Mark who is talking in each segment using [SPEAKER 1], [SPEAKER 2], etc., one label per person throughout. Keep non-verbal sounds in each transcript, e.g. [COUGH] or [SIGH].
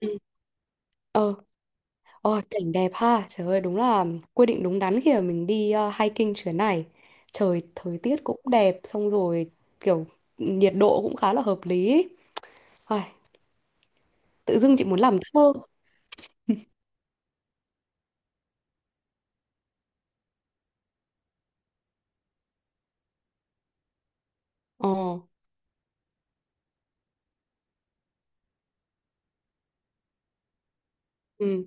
[SPEAKER 1] Ừ. Ờ, ôi, cảnh đẹp ha. Trời ơi, đúng là quyết định đúng đắn khi mà mình đi hiking chuyến này. Trời, thời tiết cũng đẹp, xong rồi kiểu nhiệt độ cũng khá là hợp lý ý. Ai, tự dưng chị muốn làm thơ. Ờ, ừ.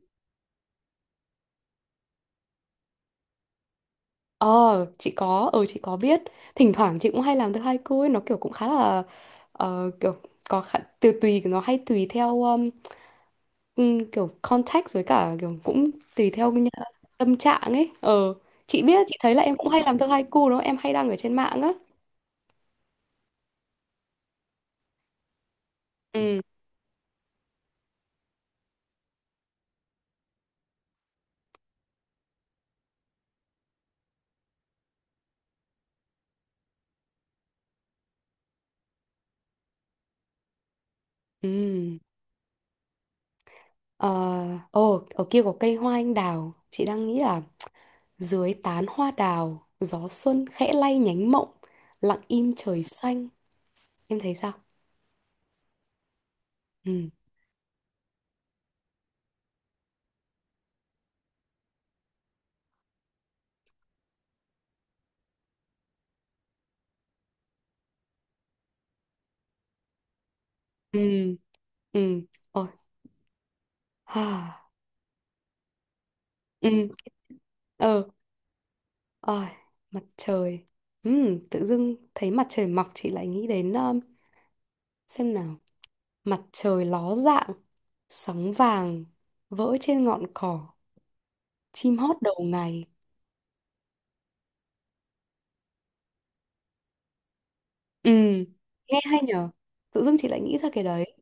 [SPEAKER 1] Ờ, chị có biết. Thỉnh thoảng chị cũng hay làm thơ haiku ấy, nó kiểu cũng khá là kiểu có khá, từ tùy nó hay tùy theo, ừ, kiểu context với cả kiểu cũng tùy theo tâm trạng ấy. Ờ chị biết, chị thấy là em cũng hay làm thơ haiku đó, em hay đăng ở trên mạng á. Ừ. Ừ. Ờ. Ồ, ở kia có cây hoa anh đào, chị đang nghĩ là dưới tán hoa đào gió xuân khẽ lay nhánh mộng, lặng im trời xanh. Em thấy sao? Ừ. Ừ. Ừ. Ôi, ha. Ừ. Ờ. Ôi, mặt trời. Ừ, tự dưng thấy mặt trời mọc chị lại nghĩ đến, xem nào. Mặt trời ló dạng, sóng vàng vỡ trên ngọn cỏ, chim hót đầu ngày. Ừ, nghe hay nhở? Tự dưng chị lại nghĩ ra cái đấy.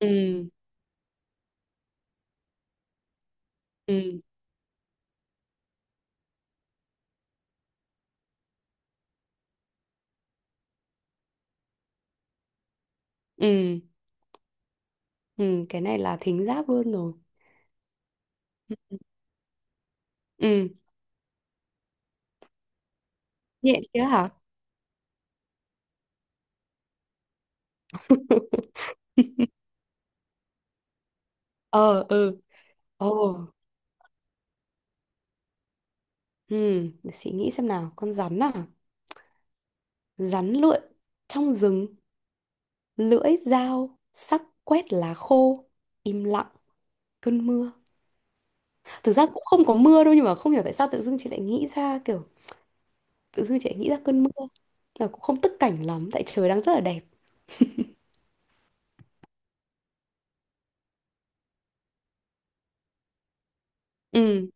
[SPEAKER 1] Ừ, ừ, ừ, ừ, cái này là thính giác luôn rồi. Ừ, nhện kia hả? [LAUGHS] Ờ, ừ, ồ, ừ, để chị nghĩ xem nào. Con rắn à? Rắn lượn trong rừng, lưỡi dao, sắc quét lá khô, im lặng cơn mưa. Thực ra cũng không có mưa đâu, nhưng mà không hiểu tại sao tự dưng chị lại nghĩ ra kiểu tự dưng chị lại nghĩ ra cơn mưa, là cũng không tức cảnh lắm tại trời đang rất là đẹp. Ừ.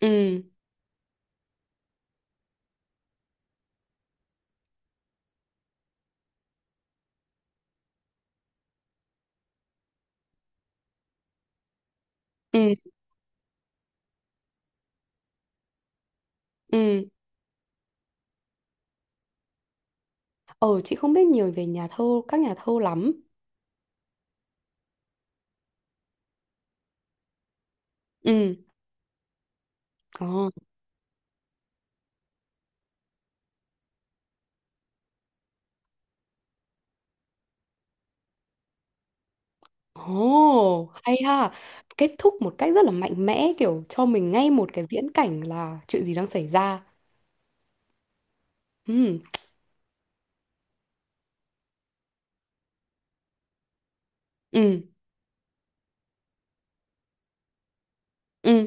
[SPEAKER 1] Ừ. Ừ. Ừ. ờ chị không biết nhiều về nhà thơ các nhà thơ lắm. Ừ. Ồ. Ồ, hay ha. Kết thúc một cách rất là mạnh mẽ, kiểu cho mình ngay một cái viễn cảnh là chuyện gì đang xảy ra. Ừ. Ừ. Ừ.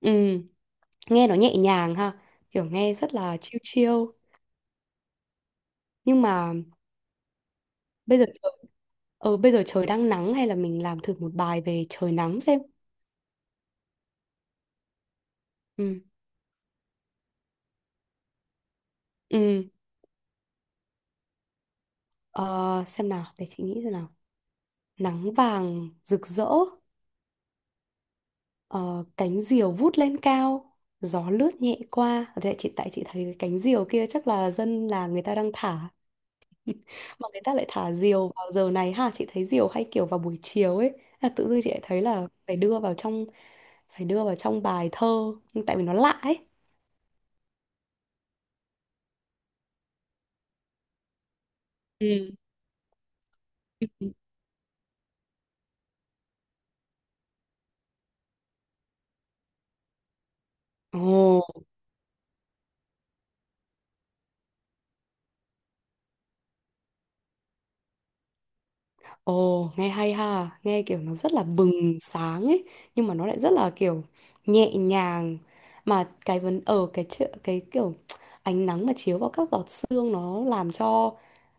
[SPEAKER 1] Ừ, nghe nó nhẹ nhàng ha, kiểu nghe rất là chill chill. Nhưng mà bây giờ trời, bây giờ trời đang nắng, hay là mình làm thử một bài về trời nắng xem. Ừ. Ừ. Ờ, xem nào, để chị nghĩ xem nào. Nắng vàng rực rỡ, ờ, cánh diều vút lên cao, gió lướt nhẹ qua. Ờ, thế chị, tại chị thấy cái cánh diều kia chắc là dân là người ta đang thả. [LAUGHS] Mà người ta lại thả diều vào giờ này ha, chị thấy diều hay kiểu vào buổi chiều ấy, là tự dưng chị lại thấy là phải đưa vào trong bài thơ tại vì nó lạ ấy. Ừ. [LAUGHS] Ừ. Ồ. Ồ, nghe hay ha, nghe kiểu nó rất là bừng sáng ấy, nhưng mà nó lại rất là kiểu nhẹ nhàng. Mà cái vấn ở cái chợ, cái kiểu ánh nắng mà chiếu vào các giọt sương nó làm cho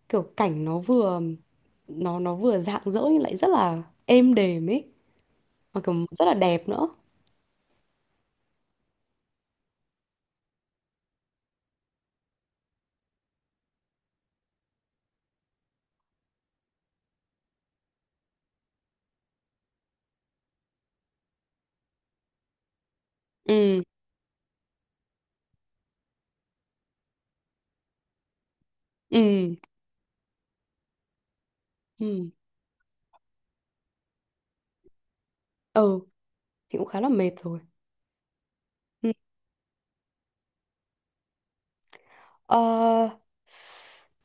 [SPEAKER 1] kiểu cảnh nó vừa rạng rỡ nhưng lại rất là êm đềm ấy, mà kiểu rất là đẹp nữa. Ừ. Ừ. Ừ. Ừ, thì cũng khá là mệt rồi. Ừ. Ờ,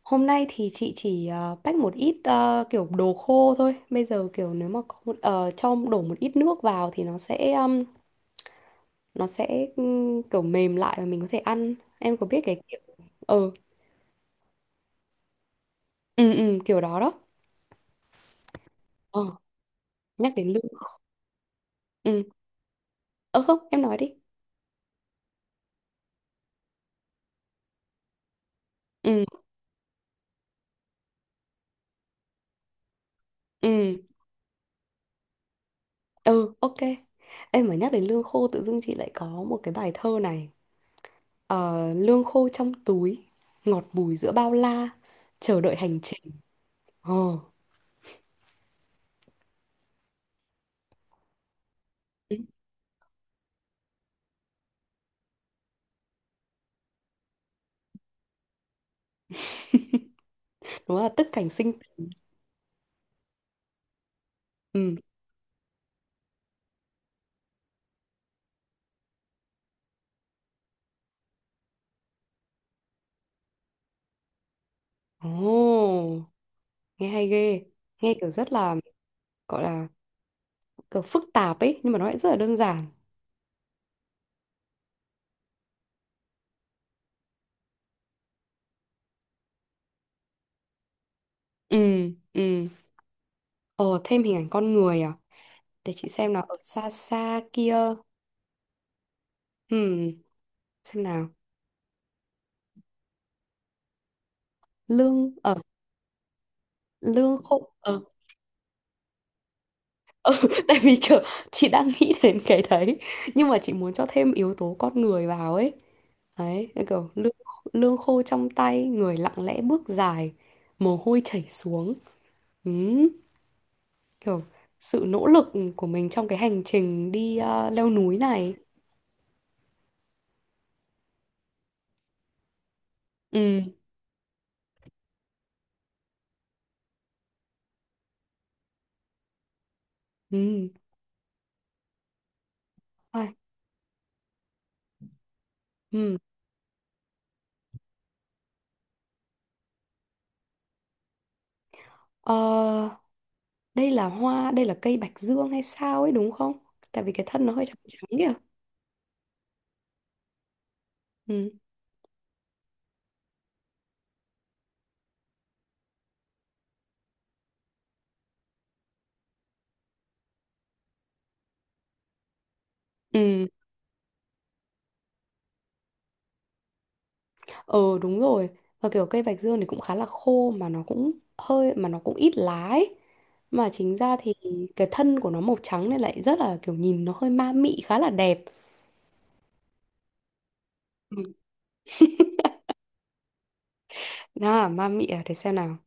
[SPEAKER 1] hôm nay thì chị chỉ pack một ít, kiểu đồ khô thôi. Bây giờ kiểu nếu mà có một, cho đổ một ít nước vào thì nó sẽ kiểu mềm lại và mình có thể ăn. Em có biết cái kiểu. Ừ. Ừ. Ừ, kiểu đó đó. Ờ, nhắc đến lương. Ừ. Ờ không, em nói đi. Ừ. Ừ. Ừ, ok. Em mà nhắc đến lương khô tự dưng chị lại có một cái bài thơ này. Ờ, lương khô trong túi, ngọt bùi giữa bao la, chờ đợi hành trình. Ờ. Ừ. Nó là tức cảnh sinh. Ừ. Ồ, nghe hay ghê. Nghe kiểu rất là, gọi là kiểu phức tạp ấy nhưng mà nó lại rất là đơn giản. Ừ. Ừ. Ờ, thêm hình ảnh con người à? Để chị xem nào, ở xa xa kia. Ừ, xem nào. Lương ở lương khô. Ờ, [LAUGHS] tại vì kiểu chị đang nghĩ đến cái đấy nhưng mà chị muốn cho thêm yếu tố con người vào ấy. Đấy, cái kiểu lương lương khô trong tay, người lặng lẽ bước dài, mồ hôi chảy xuống. Ừ. Kiểu sự nỗ lực của mình trong cái hành trình đi leo núi này. Ừ. Ừ. Ai. Ừ. Ờ, đây là cây bạch dương hay sao ấy đúng không, tại vì cái thân nó hơi trắng trắng kìa. Ừ. Ừ. Ờ, đúng rồi, và kiểu cây bạch dương thì cũng khá là khô, mà nó cũng ít lá ấy, mà chính ra thì cái thân của nó màu trắng nên lại rất là kiểu nhìn nó hơi ma mị, khá là đẹp. Ừ. Nào, ma mị à, để xem nào.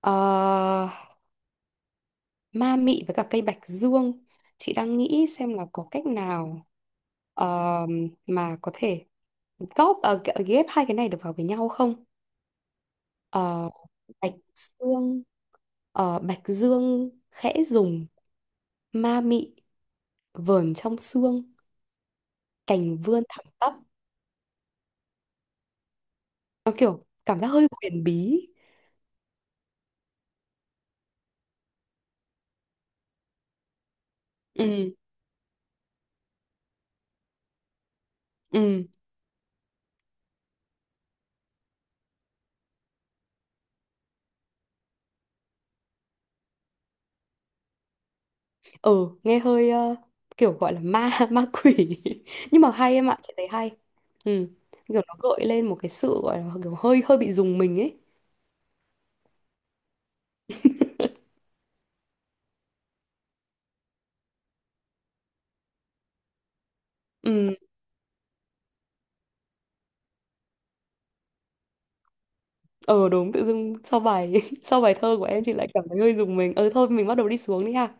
[SPEAKER 1] Ờ, ma mị với cả cây bạch dương, chị đang nghĩ xem là có cách nào, mà có thể ghép hai cái này được vào với nhau không. Ờ, bạch dương bạch dương khẽ dùng, ma mị vờn trong xương, cành vươn thẳng tắp. Nó kiểu cảm giác hơi huyền bí. Ừ. Ừ. Ừ, nghe hơi, kiểu gọi là ma [LAUGHS] ma quỷ. [LAUGHS] Nhưng mà hay em ạ, chị thấy hay. Ừ. Kiểu nó gợi lên một cái sự, gọi là kiểu hơi hơi bị dùng mình ấy. Ừ. Ờ, đúng, tự dưng sau bài [LAUGHS] sau bài thơ của em chị lại cảm thấy hơi dùng mình. Ờ Thôi, mình bắt đầu đi xuống đi ha.